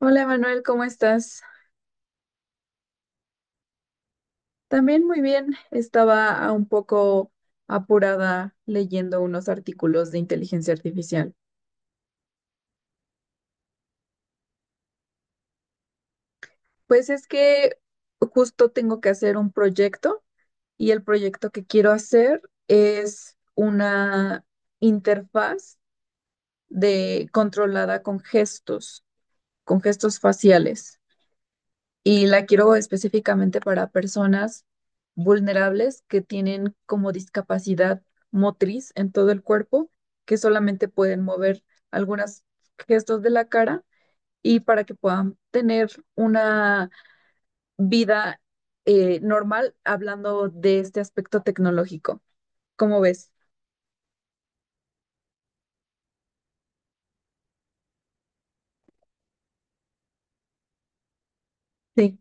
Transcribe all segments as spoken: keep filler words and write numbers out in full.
Hola Manuel, ¿cómo estás? También muy bien. Estaba ah, un poco apurada leyendo unos artículos de inteligencia artificial. Pues es que justo tengo que hacer un proyecto y el proyecto que quiero hacer es una interfaz de controlada con gestos, con gestos faciales. Y la quiero específicamente para personas vulnerables que tienen como discapacidad motriz en todo el cuerpo, que solamente pueden mover algunos gestos de la cara y para que puedan tener una vida eh, normal hablando de este aspecto tecnológico. ¿Cómo ves? Sí.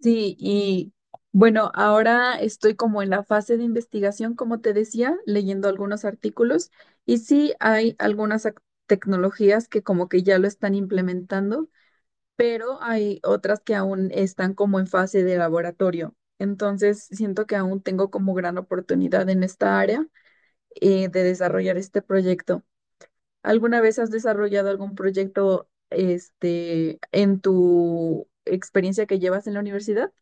Sí, y bueno, ahora estoy como en la fase de investigación, como te decía, leyendo algunos artículos y sí hay algunas ac- tecnologías que como que ya lo están implementando, pero hay otras que aún están como en fase de laboratorio. Entonces, siento que aún tengo como gran oportunidad en esta área eh, de desarrollar este proyecto. ¿Alguna vez has desarrollado algún proyecto este en tu experiencia que llevas en la universidad?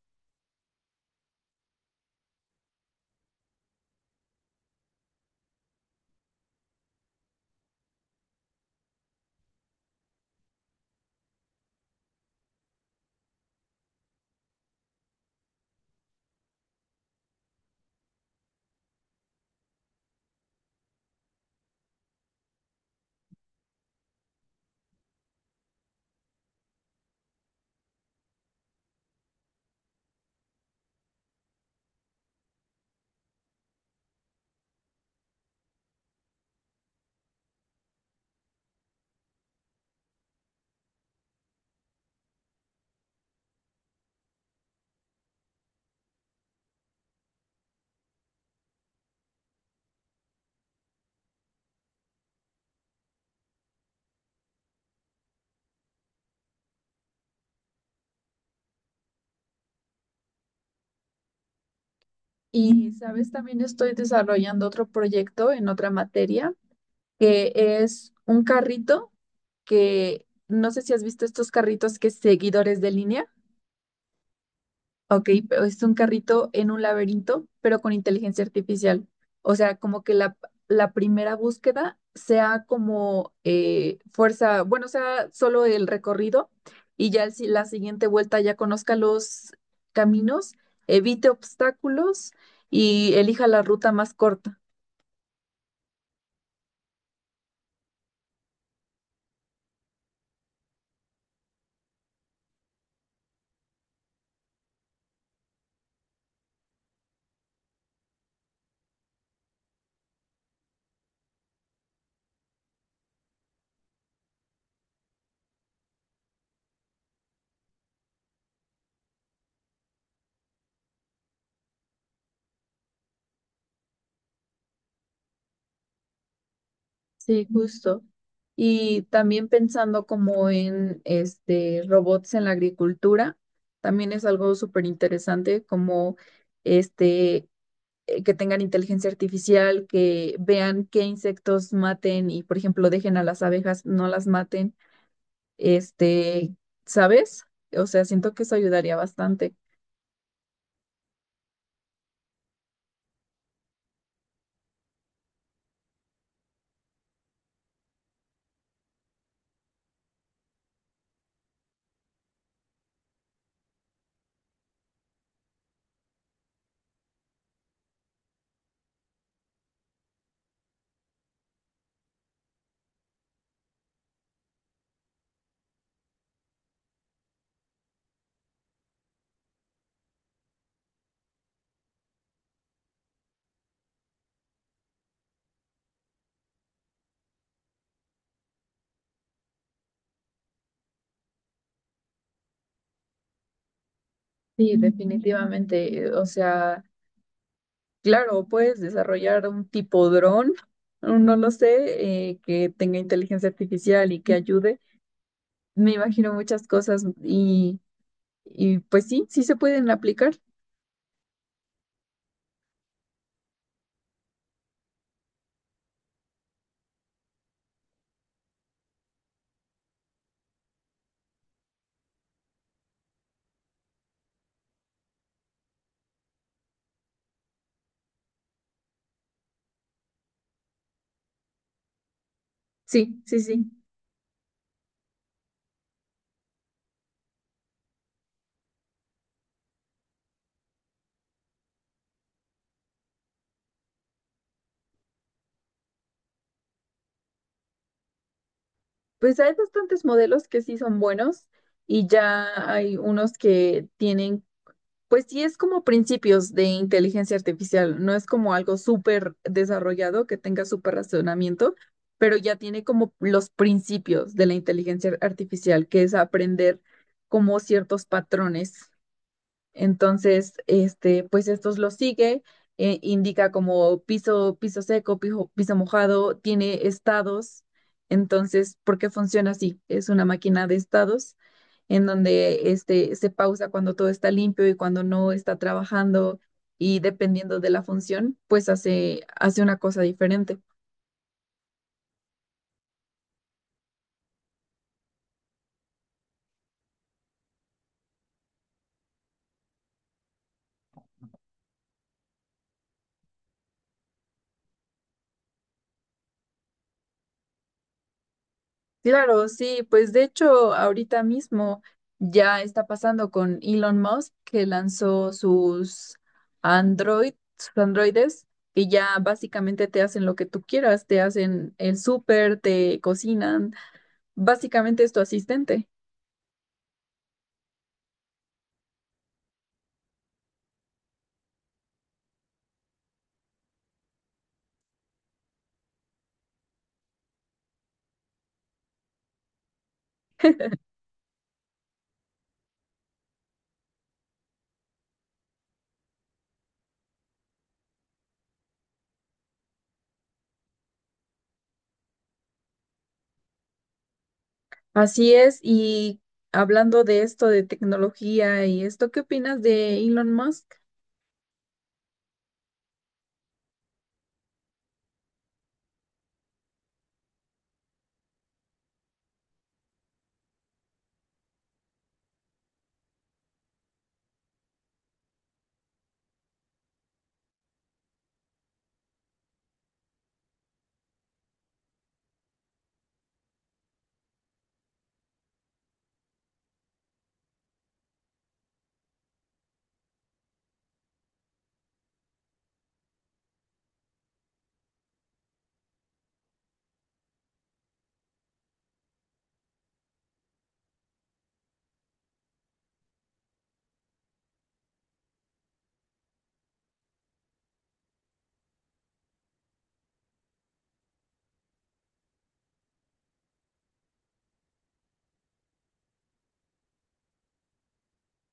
Y, sabes, también estoy desarrollando otro proyecto en otra materia, que es un carrito que no sé si has visto estos carritos que es seguidores de línea. Ok, pero es un carrito en un laberinto, pero con inteligencia artificial. O sea, como que la, la primera búsqueda sea como eh, fuerza, bueno, sea solo el recorrido y ya el si- la siguiente vuelta ya conozca los caminos, evite obstáculos y elija la ruta más corta. Sí, justo. Y también pensando como en este robots en la agricultura, también es algo súper interesante como este eh, que tengan inteligencia artificial, que vean qué insectos maten y por ejemplo dejen a las abejas, no las maten, este, ¿sabes? O sea, siento que eso ayudaría bastante. Sí, definitivamente. O sea, claro, puedes desarrollar un tipo dron, no no lo sé, eh, que tenga inteligencia artificial y que ayude. Me imagino muchas cosas y, y pues sí, sí se pueden aplicar. Sí, sí, sí. Pues hay bastantes modelos que sí son buenos y ya hay unos que tienen. Pues sí, es como principios de inteligencia artificial, no es como algo súper desarrollado que tenga súper razonamiento, pero ya tiene como los principios de la inteligencia artificial, que es aprender como ciertos patrones. Entonces, este, pues estos los sigue, eh, indica como piso, piso seco, piso, piso mojado, tiene estados. Entonces, ¿por qué funciona así? Es una máquina de estados en donde este, se pausa cuando todo está limpio y cuando no está trabajando y dependiendo de la función, pues hace, hace una cosa diferente. Claro, sí, pues de hecho ahorita mismo ya está pasando con Elon Musk que lanzó sus Android, sus androides y ya básicamente te hacen lo que tú quieras, te hacen el súper, te cocinan, básicamente es tu asistente. Así es, y hablando de esto de tecnología y esto, ¿qué opinas de Elon Musk?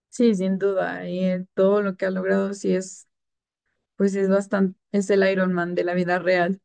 Sí, sin duda, eh, todo lo que ha logrado sí es, pues es bastante, es el Iron Man de la vida real.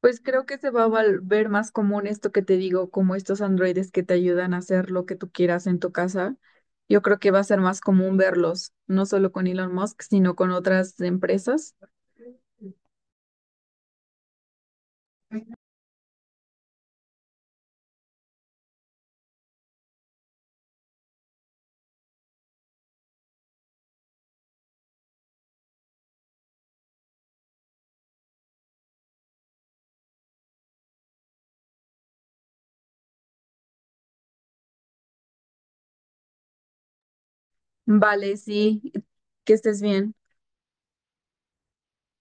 Pues creo que se va a val- ver más común esto que te digo, como estos androides que te ayudan a hacer lo que tú quieras en tu casa. Yo creo que va a ser más común verlos, no solo con Elon Musk, sino con otras empresas. Vale, sí, que estés bien.